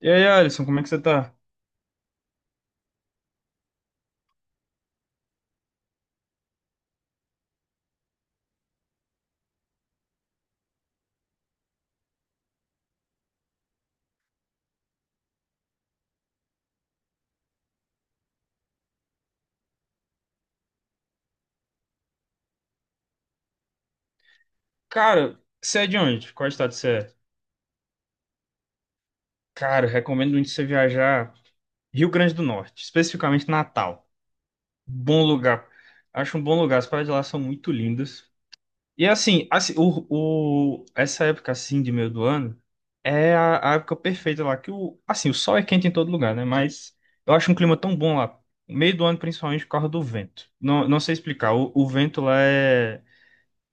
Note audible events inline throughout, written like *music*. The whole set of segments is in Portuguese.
E aí, Alisson, como é que você tá? Cara, você é de onde? Qual estado você é? Cara, eu recomendo muito você viajar Rio Grande do Norte, especificamente Natal. Bom lugar. Acho um bom lugar. As praias de lá são muito lindas. E essa época assim de meio do ano é a época perfeita lá, que o, assim, o sol é quente em todo lugar, né? Mas eu acho um clima tão bom lá. Meio do ano, principalmente por causa do vento. Não, não sei explicar. O vento lá é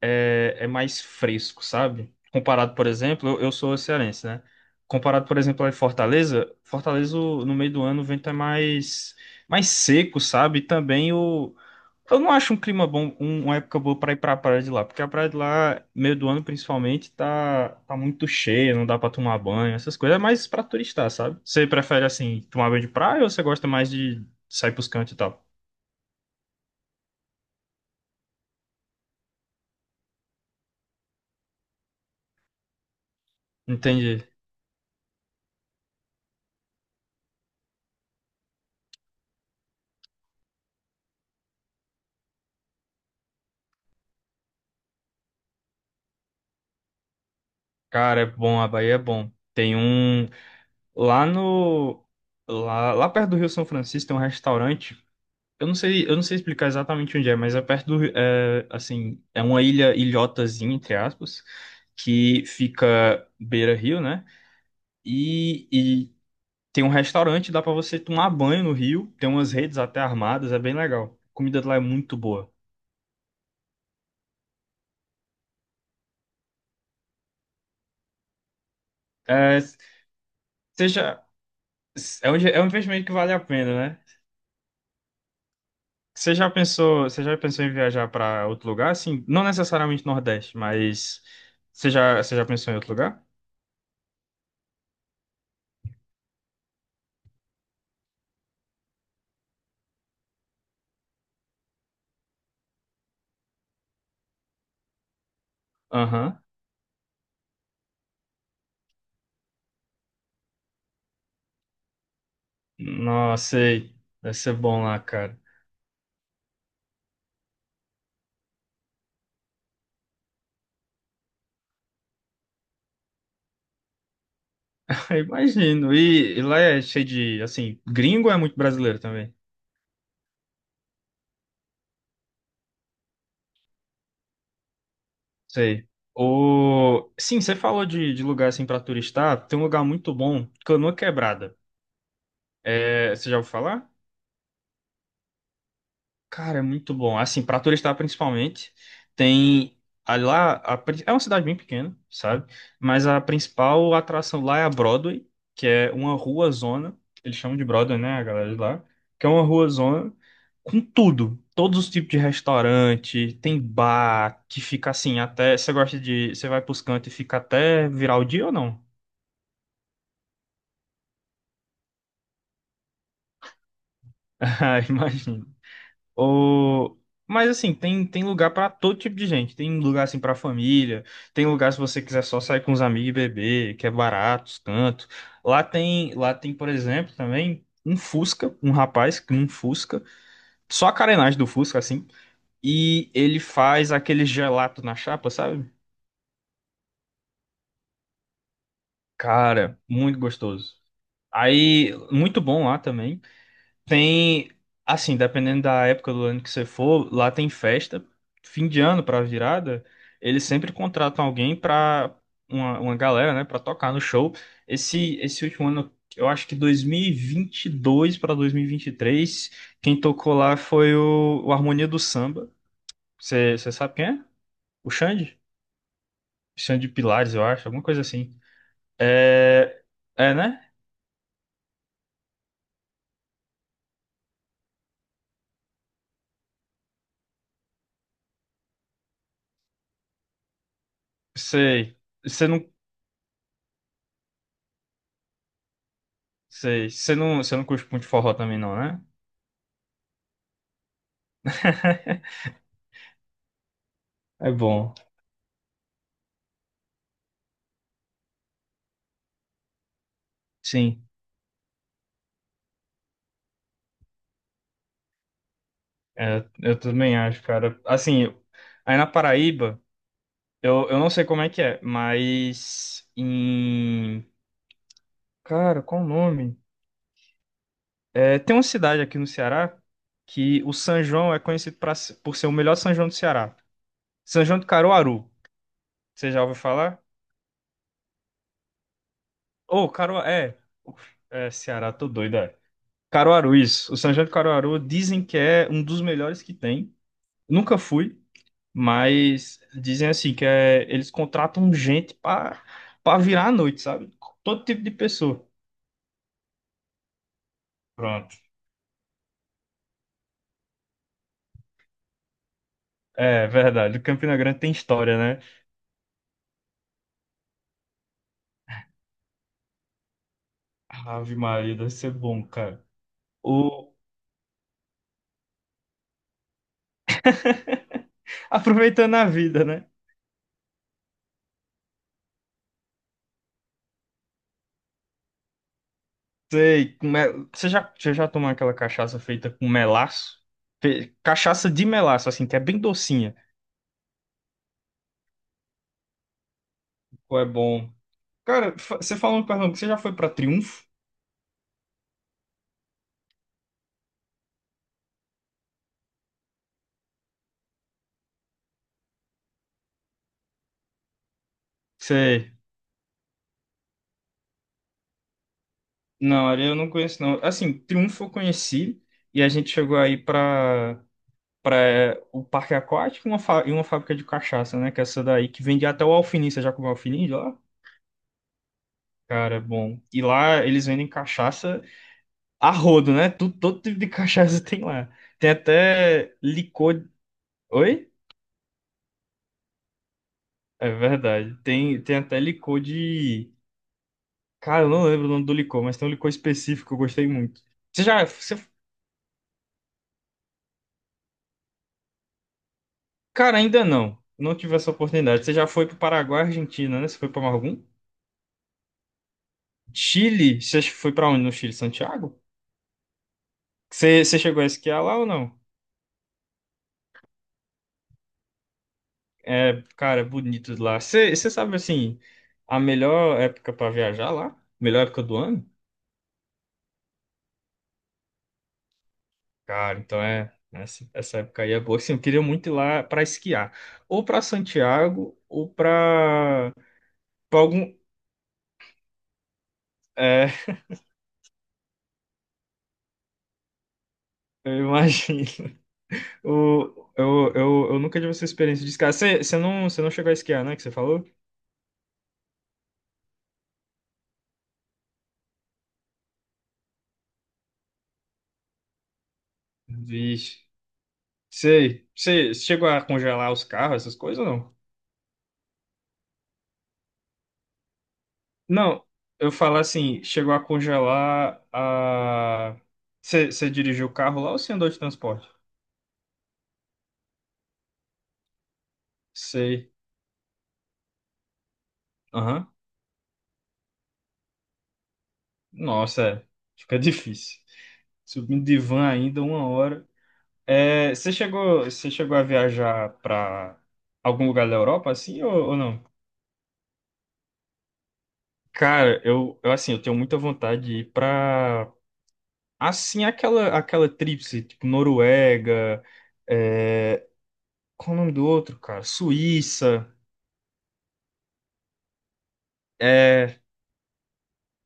é, é mais fresco, sabe? Comparado, por exemplo, eu sou cearense, né? Comparado, por exemplo, a Fortaleza, no meio do ano o vento é mais seco, sabe? E também o. Eu não acho um clima bom, uma época boa pra ir pra praia de lá, porque a praia de lá, meio do ano principalmente, tá muito cheia, não dá pra tomar banho, essas coisas, é mais pra turistar, sabe? Você prefere, assim, tomar banho de praia ou você gosta mais de sair pros cantos e tal? Entendi. Cara, é bom, a Bahia é bom. Tem um. Lá no. Lá perto do Rio São Francisco tem um restaurante. Eu não sei explicar exatamente onde é, mas é perto do. É, assim, é uma ilha, ilhotazinha, entre aspas, que fica beira-rio, né? E tem um restaurante, dá pra você tomar banho no rio. Tem umas redes até armadas, é bem legal. A comida lá é muito boa. É, seja. É é um investimento que vale a pena, né? Você já pensou em viajar para outro lugar? Assim, não necessariamente Nordeste, mas você já pensou em outro lugar? Aham. Nossa, sei. Deve ser bom lá, cara. *laughs* Imagino. E lá é cheio de, assim, gringo ou é muito brasileiro também? Sei. O... Sim, você falou de lugar assim para turistar. Tem um lugar muito bom, Canoa Quebrada. É, você já ouviu falar? Cara, é muito bom. Assim, pra turista principalmente, tem é uma cidade bem pequena, sabe? Mas a principal atração lá é a Broadway, que é uma rua zona, eles chamam de Broadway, né, a galera de lá, que é uma rua zona com tudo, todos os tipos de restaurante, tem bar que fica assim até você gosta de, você vai pros cantos e fica até virar o dia ou não? *laughs* Ah, imagina. Ou... Mas assim, tem lugar pra todo tipo de gente. Tem lugar assim pra família, tem lugar se você quiser só sair com os amigos e beber, que é barato, tanto. Lá tem, por exemplo, também um Fusca, um rapaz que um Fusca, só a carenagem do Fusca assim, e ele faz aquele gelato na chapa, sabe? Cara, muito gostoso. Aí, muito bom lá também. Tem, assim, dependendo da época do ano que você for, lá tem festa, fim de ano pra virada, eles sempre contratam alguém pra uma galera, né, pra tocar no show. Esse último ano, eu acho que 2022 pra 2023 quem tocou lá foi o Harmonia do Samba. Você sabe quem é? O Xande? Xande Pilares, eu acho, alguma coisa assim. É, é, né? Sei. Você não, você não curte muito forró também não, né? *laughs* É bom. Sim. É, eu também acho, cara. Aí na Paraíba, eu não sei como é que é, mas em. Cara, qual o nome? É, tem uma cidade aqui no Ceará que o São João é conhecido pra, se- por ser o melhor São João do Ceará. São João de Caruaru. Você já ouviu falar? Ô, Caruaru. É. Uf, é, Ceará, tô doido, é. Caruaru, isso. O São João de Caruaru dizem que é um dos melhores que tem. Nunca fui. Mas dizem assim que é, eles contratam gente para virar à noite, sabe? Todo tipo de pessoa. Pronto. É verdade. O Campina Grande tem história, né? Ave Maria, deve ser bom, cara. O... *laughs* Aproveitando a vida, né? Você já tomou aquela cachaça feita com melaço? Cachaça de melaço, assim, que é bem docinha. Pô, é bom. Cara, você falou em Pernambuco, você já foi pra Triunfo? Você Não, ali eu não conheço, não. Assim, Triunfo eu conheci e a gente chegou aí pra, o parque aquático e e uma fábrica de cachaça, né? Que é essa daí que vende até o alfinim. Você já comeu alfinim de lá? Cara, é bom. E lá eles vendem cachaça a rodo, né? Tudo, todo tipo de *laughs* cachaça tem lá. Tem até licor. Oi? É verdade. Tem, tem até licor de. Cara, eu não lembro o nome do licor, mas tem um licor específico que eu gostei muito. Você já, você Cara, ainda não. Não tive essa oportunidade. Você já foi para Paraguai, Argentina, né? Você foi para algum? Chile? Você foi para onde? No Chile, Santiago? Você chegou a esquiar lá ou não? É, cara, é bonito lá. Você sabe, assim, a melhor época para viajar lá? Melhor época do ano? Cara, então é. Essa época aí é boa. Assim, eu queria muito ir lá para esquiar. Ou para Santiago, ou para algum. É, *laughs* eu imagino. Eu nunca tive essa experiência de esquiar. Você não chegou a esquiar, né? Que você falou? Vixe. Sei. Você chegou a congelar os carros, essas coisas ou não? Não, eu falo assim, chegou a congelar a. Você dirigiu o carro lá ou você andou de transporte? Sei. Aham. Nossa, é. Fica *laughs* difícil. Subindo de van ainda, uma hora. É, você chegou a viajar para algum lugar da Europa, assim, ou não? Cara, eu assim, eu tenho muita vontade de ir pra, assim, aquela, aquela tríplice, tipo, Noruega, é... qual o nome do outro, cara? Suíça, é...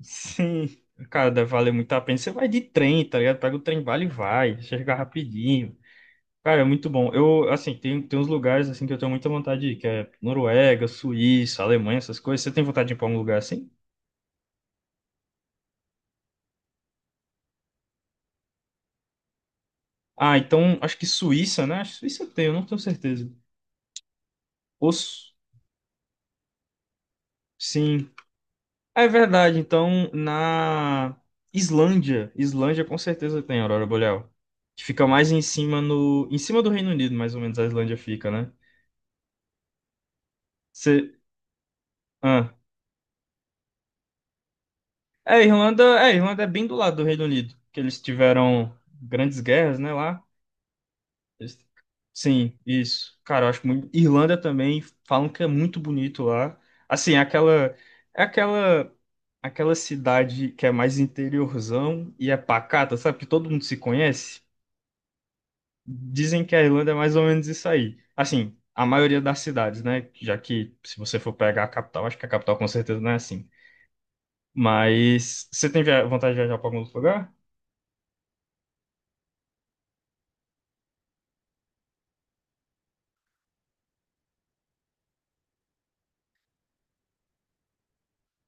Sim, cara, deve valer muito a pena. Você vai de trem, tá ligado? Pega o trem, vale e vai, chega rapidinho. Cara, é muito bom. Eu, assim, tem uns lugares, assim, que eu tenho muita vontade de ir, que é Noruega, Suíça, Alemanha, essas coisas. Você tem vontade de ir pra um lugar assim? Ah, então, acho que Suíça, né? Acho que Suíça tem, eu não tenho certeza. Ou... Su- Sim. É verdade, então na Islândia, Islândia com certeza tem aurora boreal, que fica mais em cima no, em cima do Reino Unido, mais ou menos a Islândia fica, né? Você, ah. É, Irlanda, é, Irlanda é bem do lado do Reino Unido, que eles tiveram grandes guerras, né, lá. Eles- Sim, isso. Cara, eu acho muito Irlanda também falam que é muito bonito lá. Assim, é aquela aquela cidade que é mais interiorzão e é pacata, sabe? Que todo mundo se conhece. Dizem que a Irlanda é mais ou menos isso aí. Assim, a maioria das cidades, né? Já que se você for pegar a capital, acho que a capital com certeza não é assim. Mas você tem vontade de viajar para algum outro lugar?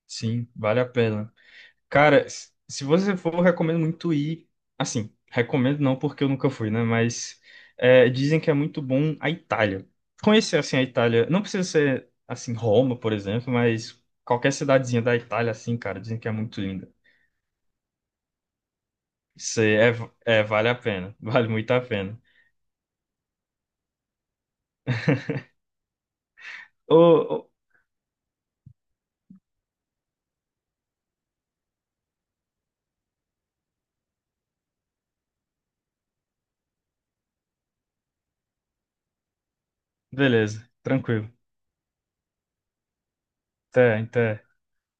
Sim, vale a pena. Cara, se você for, eu recomendo muito ir. Assim, recomendo não porque eu nunca fui, né? Mas é, dizem que é muito bom a Itália. Conhecer assim a Itália, não precisa ser assim Roma, por exemplo, mas qualquer cidadezinha da Itália, assim, cara, dizem que é muito linda. Isso aí é, é, vale a pena. *laughs* Vale muito a pena. *laughs* Ô, ô, beleza, tranquilo. Até, até.